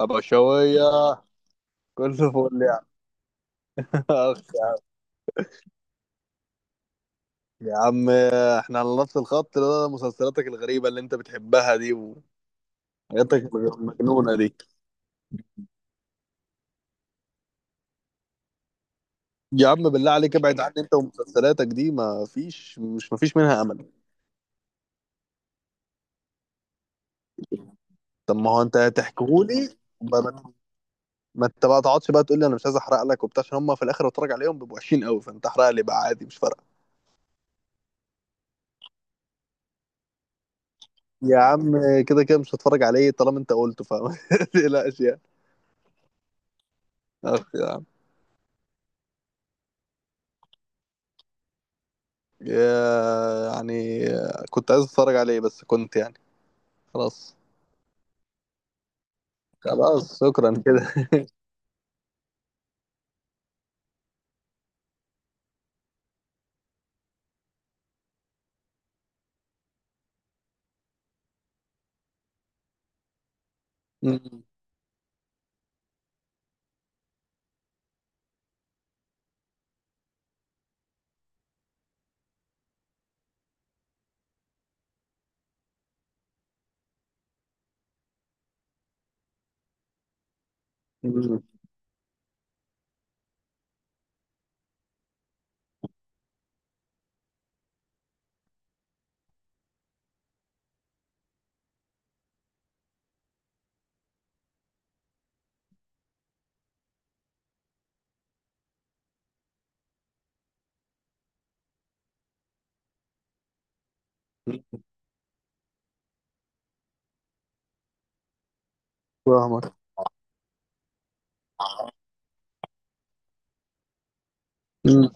ابو شويه. كله فل يا عم. أخ يا عم. يا عم، احنا على نفس الخط، ده مسلسلاتك الغريبه اللي انت بتحبها دي وحاجاتك المجنونه دي. يا عم بالله عليك، ابعد عني انت ومسلسلاتك دي، ما فيش منها امل. طب ما هو انت هتحكيهولي. ب- ما ما انت بقى تقعدش بقى تقول لي انا مش عايز احرق لك وبتاع، عشان هم في الاخر بتفرج عليهم بيبقوا وحشين قوي، فانت احرق لي بقى عادي، مش فارقه. يا عم، كده كده مش هتفرج عليه طالما انت قلته، فما تقلقش يعني. اخ يا. يعني آه، كنت عايز اتفرج عليه بس كنت يعني. خلاص. خلاص شكرا كده. مم. مم. فاهمك. مم.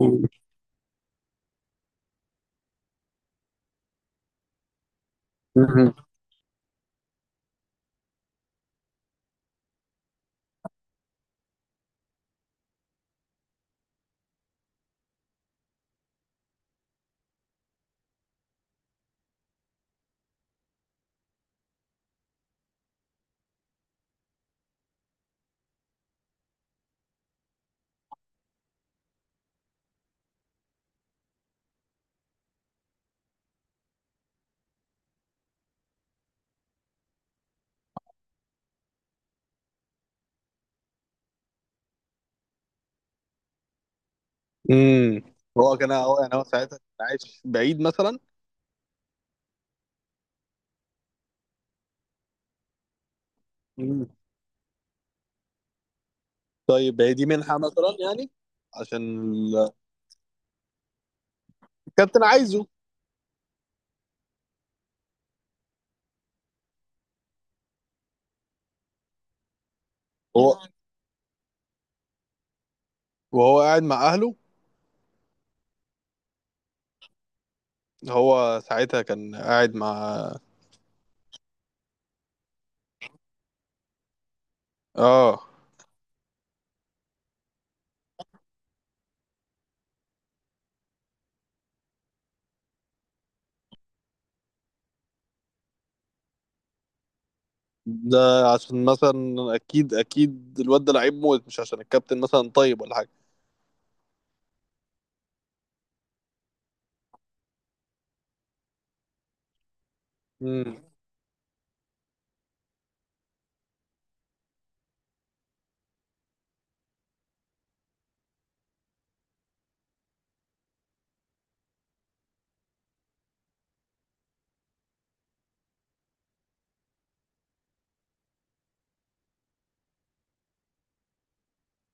مم. مم. هو كان هو يعني هو ساعتها كان عايش بعيد مثلا. مم. طيب هي دي منحة مثلا يعني؟ عشان الكابتن عايزه هو. وهو قاعد مع اهله. هو ساعتها كان قاعد مع. اه. ده عشان مثلا اكيد اكيد الواد ده لعيب موت، مش عشان الكابتن مثلا طيب ولا حاجة. مم.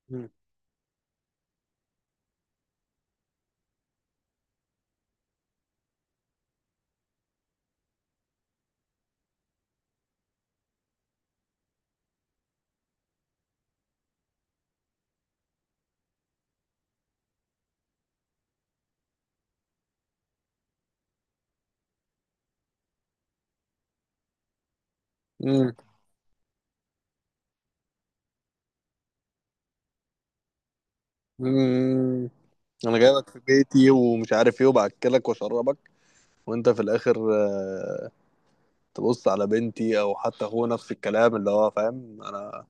مم. مم. مم. انا جاي لك في بيتي ومش عارف ايه وباكلك واشربك، وانت في الاخر آه، تبص على بنتي، او حتى هو نفس الكلام اللي هو فاهم انا.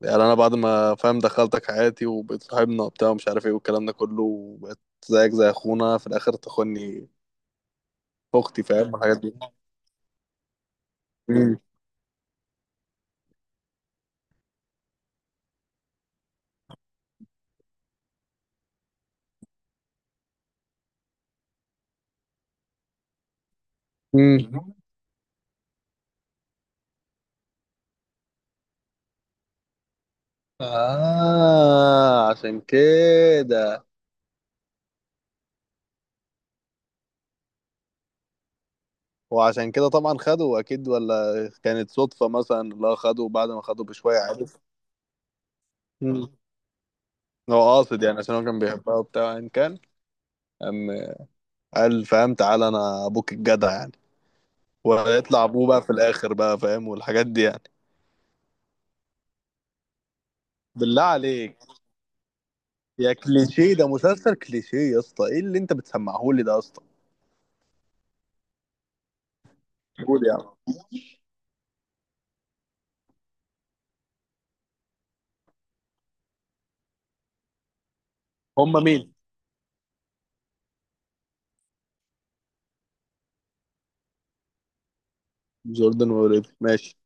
يعني انا بعد ما فاهم دخلتك حياتي وبقيت صاحبنا وبتاع ومش عارف ايه والكلام ده كله، وبقيت زيك زي اخونا، في الاخر تخوني في اختي. فاهم الحاجات دي. مم. مم. آه عشان كده. وعشان كده طبعا خدوا اكيد، ولا كانت صدفة مثلا؟ لا، خدوا بعد ما خدوا بشوية عادي. مم. هو قاصد يعني، عشان هو كان بيحبها وبتاع، ان كان. أم، قال فاهم، تعالى انا ابوك الجدع يعني. ويطلع ابوه بقى في الاخر بقى فاهم والحاجات دي يعني. بالله عليك يا كليشيه، ده مسلسل كليشيه يا اسطى، ايه اللي انت بتسمعه لي ده يا اسطى. قول يا عم. هم مين؟ جوردن وريدي ماشي.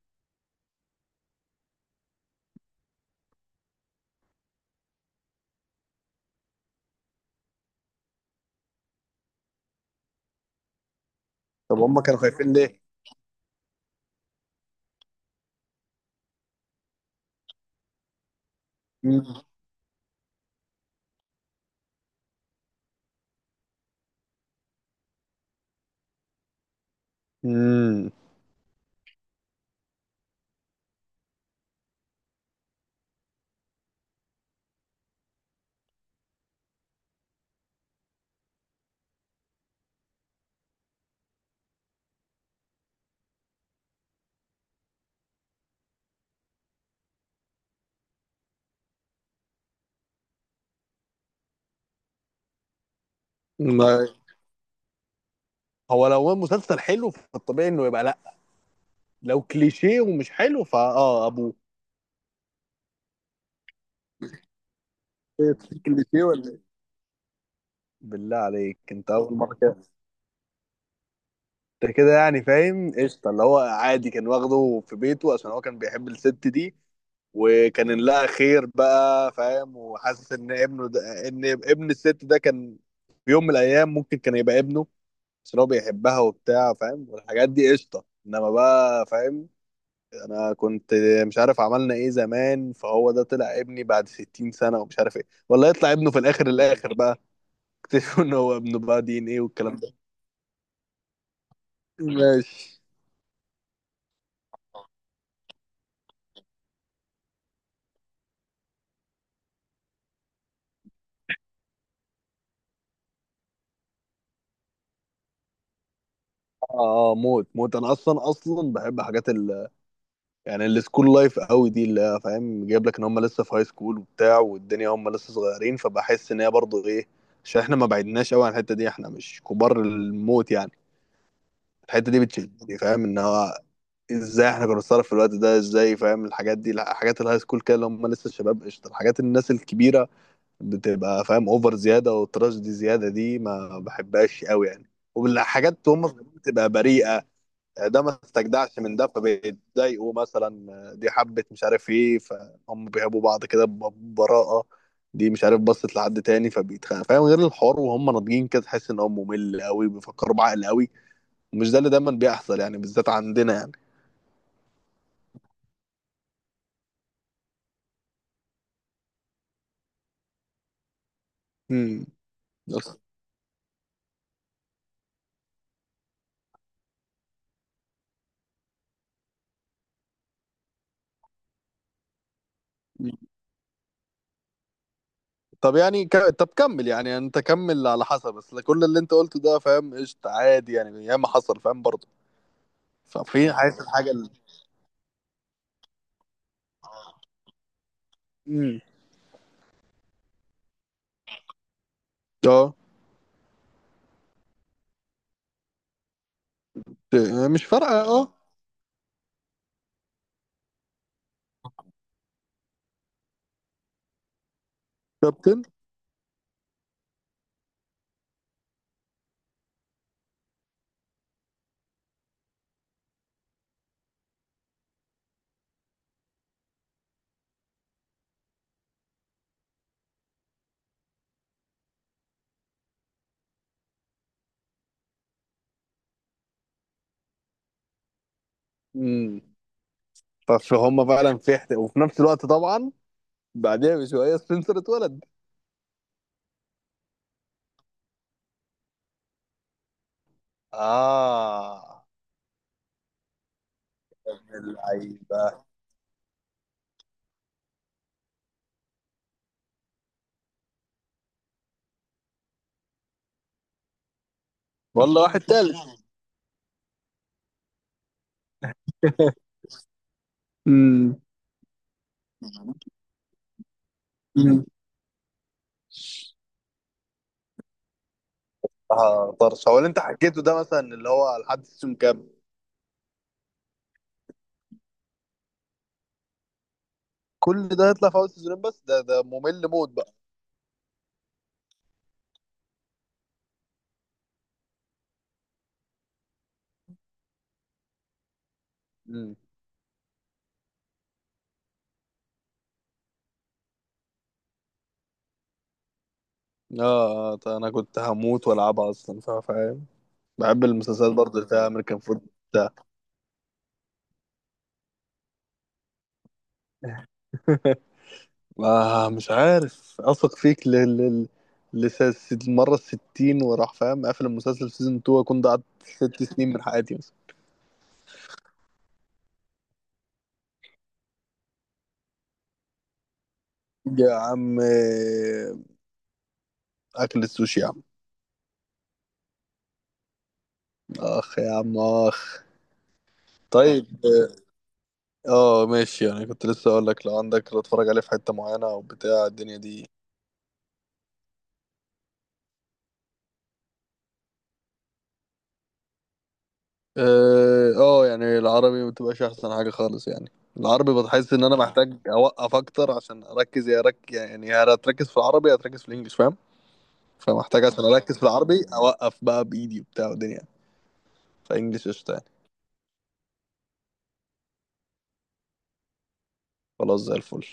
طب هم كانوا خايفين ليه؟ مم. مم. ما هو لو هو مسلسل حلو فالطبيعي انه يبقى لا، لو كليشيه ومش حلو فاه ابوه. إيه، كليشيه ولا إيه؟ بالله عليك انت اول مره كده. ده كده يعني فاهم قشطه، اللي هو عادي كان واخده في بيته عشان هو كان بيحب الست دي، وكان إن لها خير بقى فاهم، وحاسس ان ابنه ده، ان ابن الست ده كان في يوم من الايام ممكن كان يبقى ابنه. بس هو بيحبها وبتاع فاهم والحاجات دي قشطه، انما بقى فاهم انا كنت مش عارف عملنا ايه زمان، فهو ده طلع ابني بعد 60 سنه ومش عارف ايه، ولا يطلع ابنه في الاخر الاخر بقى؟ اكتشفوا ان هو ابنه بقى، دي ان ايه والكلام ده. ماشي. اه اه، موت موت، انا اصلا اصلا بحب حاجات ال، يعني السكول لايف قوي دي اللي هي، فاهم جايب لك ان هم لسه في هاي سكول وبتاع والدنيا، هم لسه صغيرين، فبحس ان هي برضه ايه، عشان احنا ما بعدناش قوي عن الحته دي، احنا مش كبار الموت يعني. الحته دي بتشدني فاهم، ان هو ازاي احنا كنا بنتصرف في الوقت ده، ازاي فاهم الحاجات دي. لا، حاجات الهاي سكول كده اللي هم لسه الشباب قشطه. الحاجات الناس الكبيره بتبقى فاهم اوفر زياده، والتراش دي زياده، دي ما بحبهاش قوي يعني. والحاجات هم بتبقى بريئه، ده ما استجدعش من ده، فبيتضايقوا مثلا دي حبت مش عارف ايه، فهم بيحبوا بعض كده ببراءة. دي مش عارف بصت لحد تاني فبيتخانق فاهم، غير الحوار وهم ناضجين كده تحس ان هو ممل قوي، بيفكروا بعقل قوي، ومش ده اللي دايما بيحصل يعني بالذات عندنا يعني. امم. بس. طب يعني طب كمل، يعني انت كمل على حسب، بس كل اللي انت قلته ده فاهم قشطة عادي، يعني ياما حصل فاهم برضه. ففي حاسس الحاجة اللي. امم. اه. مش فارقة اه. كابتن. فهم فعلا في وفي نفس الوقت طبعا بعدها بشويه سبنسر اتولد. اه. اللعيبه. والله واحد تالت. امم. امم. اه طرش، هو اللي انت حكيته ده مثلا اللي هو لحد سيزون كام؟ كل ده هيطلع في اول سيزونين؟ بس ده ممل موت بقى. امم. اه آه، طيب انا كنت هموت والعبها اصلا فاهم، بحب المسلسلات برضه اللي فيها امريكان فوت. ما مش عارف اثق فيك المرة الستين وراح فاهم قافل المسلسل في سيزون 2 اكون ضيعت 6 سنين من حياتي مثلا. يا عم آه، اكل السوشي يا عم. اخ يا عم اخ. طيب. اه آه، ماشي، انا كنت لسه اقول لك لو عندك لو اتفرج عليه في حتة معينة او بتاع الدنيا دي. اه آه، يعني العربي ما بتبقاش احسن حاجة خالص يعني، العربي بتحس ان انا محتاج اوقف اكتر عشان اركز، يا رك يعني هتركز في العربي هتركز في الانجليش فاهم. فمحتاج عشان اركز في العربي اوقف بقى بايدي وبتاع ودنيا، فانجلش قشطه يعني. خلاص زي الفل.